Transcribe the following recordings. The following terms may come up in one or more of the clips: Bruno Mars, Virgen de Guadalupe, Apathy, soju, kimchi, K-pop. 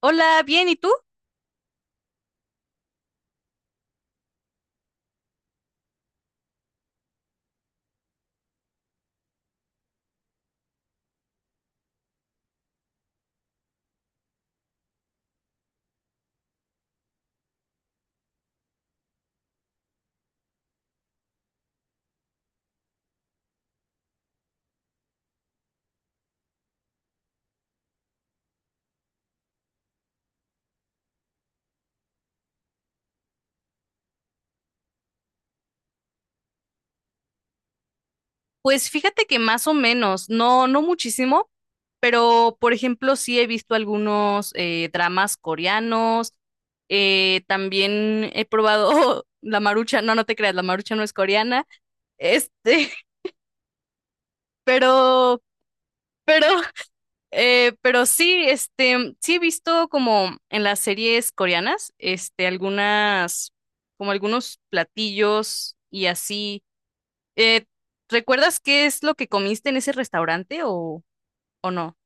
Hola, bien, ¿y tú? Pues fíjate que más o menos, no, no muchísimo, pero por ejemplo sí he visto algunos dramas coreanos, también he probado la marucha, no, no te creas, la marucha no es coreana, este, pero, pero, pero sí, sí he visto como en las series coreanas, algunas, como algunos platillos y así. Eh, ¿Recuerdas qué es lo que comiste en ese restaurante o no?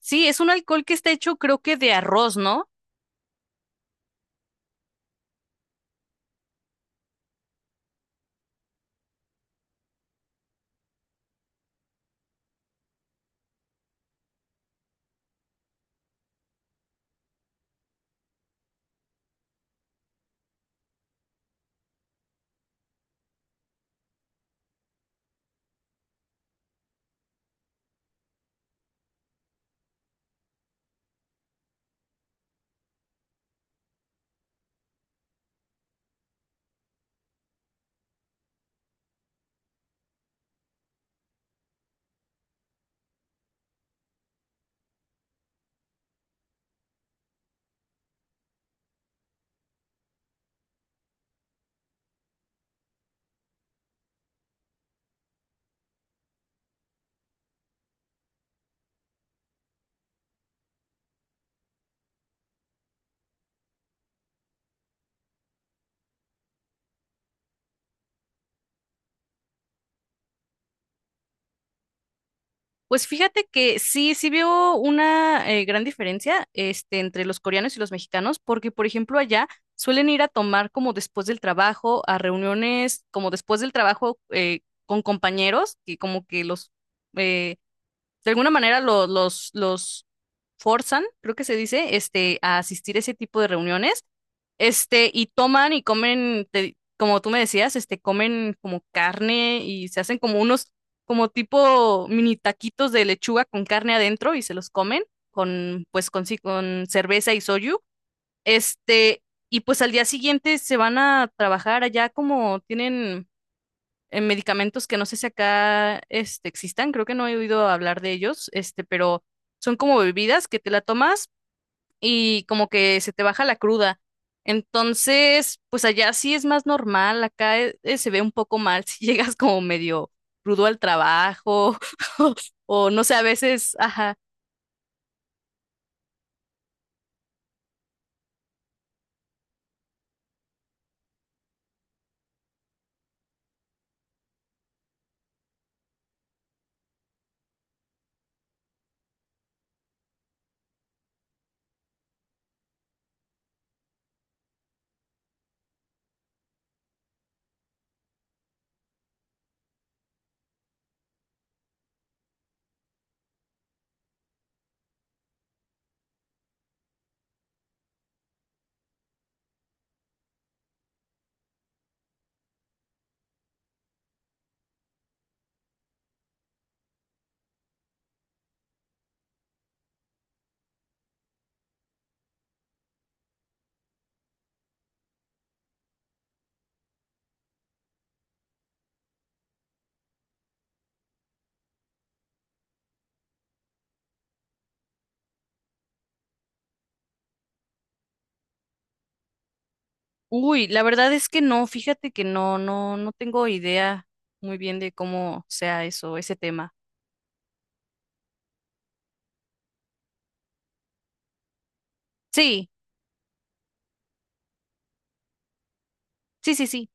Sí, es un alcohol que está hecho creo que de arroz, ¿no? Pues fíjate que sí, sí veo una gran diferencia entre los coreanos y los mexicanos, porque por ejemplo allá suelen ir a tomar como después del trabajo, a reuniones como después del trabajo con compañeros, que como que eh, de alguna manera los forzan, creo que se dice, a asistir a ese tipo de reuniones. Y toman y comen, como tú me decías, comen como carne y se hacen como unos, como tipo mini taquitos de lechuga con carne adentro y se los comen con, pues, con cerveza y soju. Este, y pues al día siguiente se van a trabajar allá como tienen medicamentos que no sé si acá, existan, creo que no he oído hablar de ellos, pero son como bebidas que te la tomas y como que se te baja la cruda. Entonces, pues allá sí es más normal, acá se ve un poco mal si llegas como medio crudo al trabajo o o no sé, a veces, ajá. Uy, la verdad es que no, fíjate que no, no, no tengo idea muy bien de cómo sea eso, ese tema. Sí, sí, sí, sí.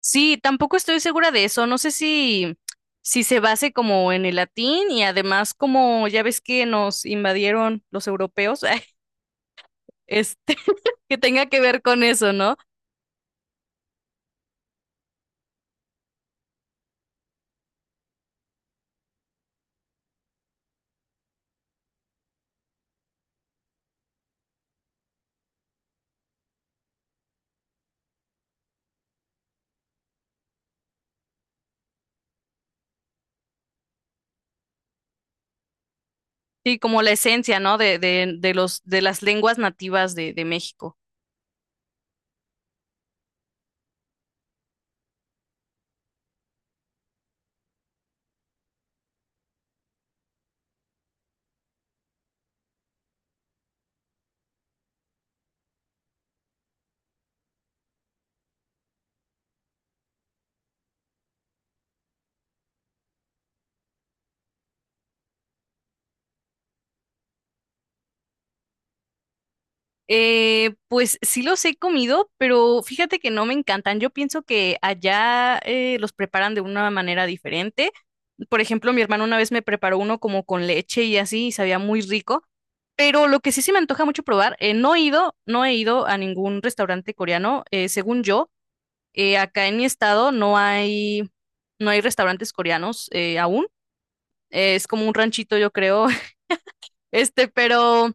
Sí, tampoco estoy segura de eso. No sé si, si se base como en el latín y además como ya ves que nos invadieron los europeos. este, que tenga que ver con eso, ¿no? Sí, como la esencia, ¿no? De los, de las lenguas nativas de México. Pues sí los he comido, pero fíjate que no me encantan. Yo pienso que allá los preparan de una manera diferente. Por ejemplo, mi hermano una vez me preparó uno como con leche y así, y sabía muy rico. Pero lo que sí se me antoja mucho probar, no he ido, no he ido a ningún restaurante coreano, según yo. Acá en mi estado no hay, no hay restaurantes coreanos aún. Es como un ranchito, yo creo. Este, pero,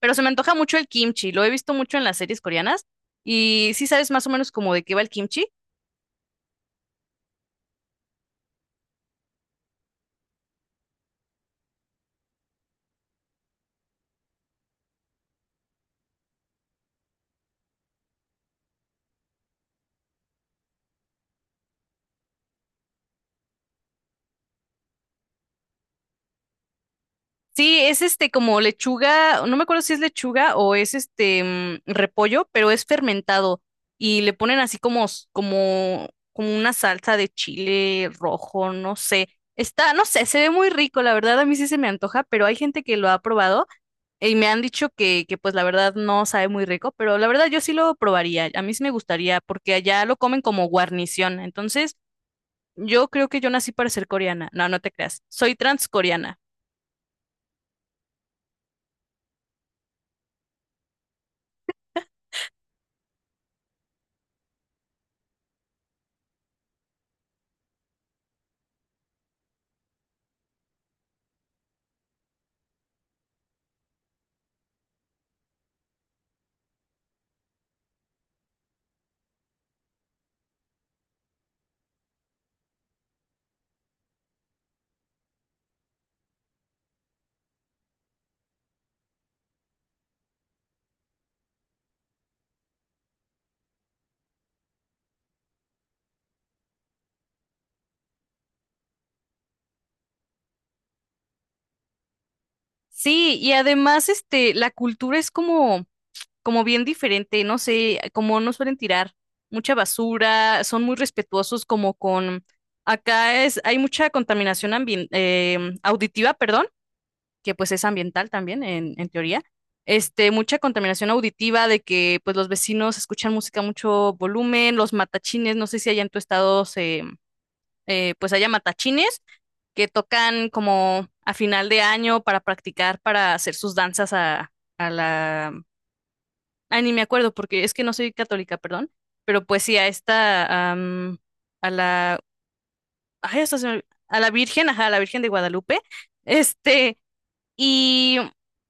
pero se me antoja mucho el kimchi. Lo he visto mucho en las series coreanas. Y sí sabes más o menos como de qué va el kimchi. Sí, es como lechuga, no me acuerdo si es lechuga o es repollo, pero es fermentado y le ponen así como como una salsa de chile rojo, no sé. Está, no sé, se ve muy rico, la verdad a mí sí se me antoja, pero hay gente que lo ha probado y me han dicho que pues la verdad no sabe muy rico, pero la verdad yo sí lo probaría. A mí sí me gustaría porque allá lo comen como guarnición. Entonces, yo creo que yo nací para ser coreana. No, no te creas. Soy transcoreana. Sí, y además la cultura es como como bien diferente, no sé, como no suelen tirar mucha basura, son muy respetuosos como con acá es hay mucha contaminación auditiva, perdón. Que pues es ambiental también, en teoría. Mucha contaminación auditiva de que pues los vecinos escuchan música a mucho volumen, los matachines, no sé si allá en tu estado se, pues haya matachines que tocan como a final de año para practicar, para hacer sus danzas a la... Ay, ni me acuerdo porque es que no soy católica, perdón, pero pues sí, a esta, a la... Ay, a la Virgen, ajá, a la Virgen de Guadalupe. Este, y,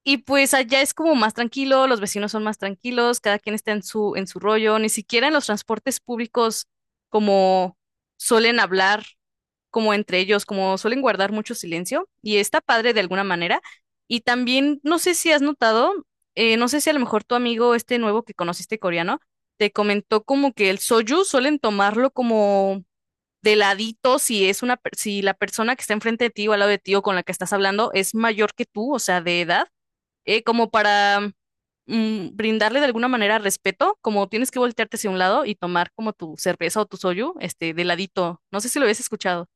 y pues allá es como más tranquilo, los vecinos son más tranquilos, cada quien está en su rollo, ni siquiera en los transportes públicos como suelen hablar como entre ellos, como suelen guardar mucho silencio y está padre de alguna manera. Y también, no sé si has notado, no sé si a lo mejor tu amigo nuevo que conociste coreano te comentó como que el soju suelen tomarlo como de ladito si es si la persona que está enfrente de ti o al lado de ti o con la que estás hablando es mayor que tú, o sea, de edad, como para brindarle de alguna manera respeto, como tienes que voltearte hacia un lado y tomar como tu cerveza o tu soju de ladito. No sé si lo habías escuchado.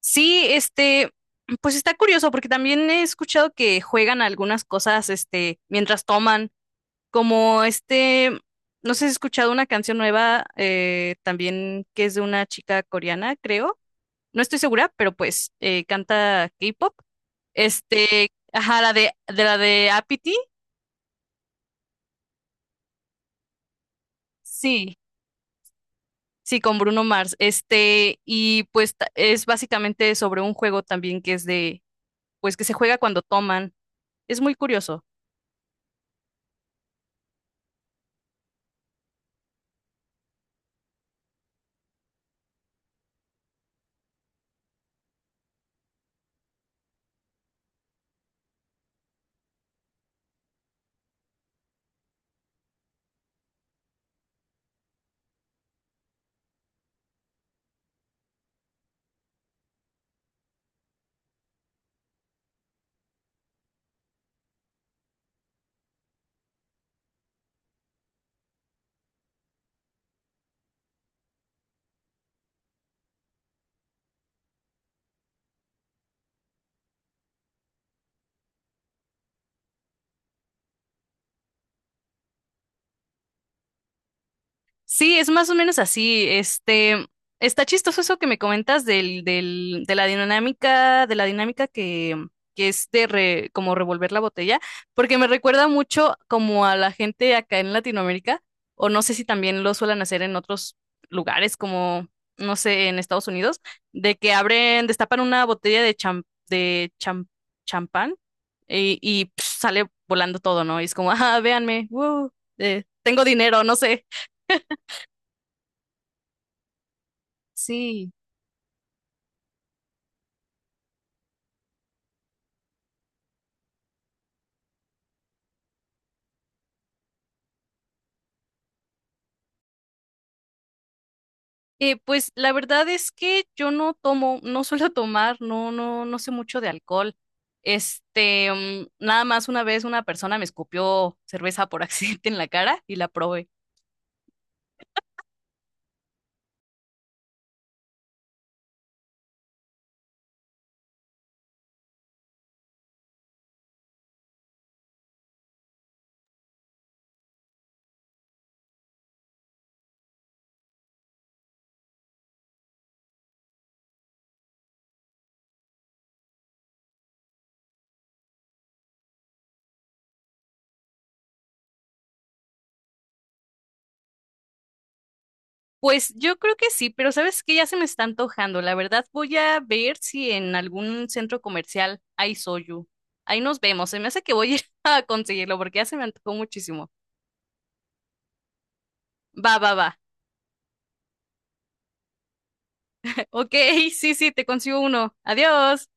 Sí, pues está curioso porque también he escuchado que juegan a algunas cosas, mientras toman, como este, no sé si has escuchado una canción nueva también que es de una chica coreana, creo. No estoy segura, pero pues canta K-pop. Ajá, de la de Apathy, sí, sí, con Bruno Mars. Y pues es básicamente sobre un juego también que es de, pues que se juega cuando toman. Es muy curioso. Sí, es más o menos así. Está chistoso eso que me comentas de la dinámica, que es de como revolver la botella, porque me recuerda mucho como a la gente acá en Latinoamérica, o no sé si también lo suelen hacer en otros lugares, como, no sé, en Estados Unidos, de que abren, destapan una botella de de cham- champán y, pf, sale volando todo, ¿no? Y es como, ah, véanme, woo, tengo dinero, no sé. Sí, pues la verdad es que yo no tomo, no suelo tomar, no, no, no sé mucho de alcohol. Nada más una vez una persona me escupió cerveza por accidente en la cara y la probé. Pues yo creo que sí, pero sabes que ya se me está antojando. La verdad voy a ver si en algún centro comercial hay soju. Ahí nos vemos. Se me hace que voy a ir a conseguirlo porque ya se me antojó muchísimo. Va, va, va. Ok, sí, sí, te consigo uno. Adiós.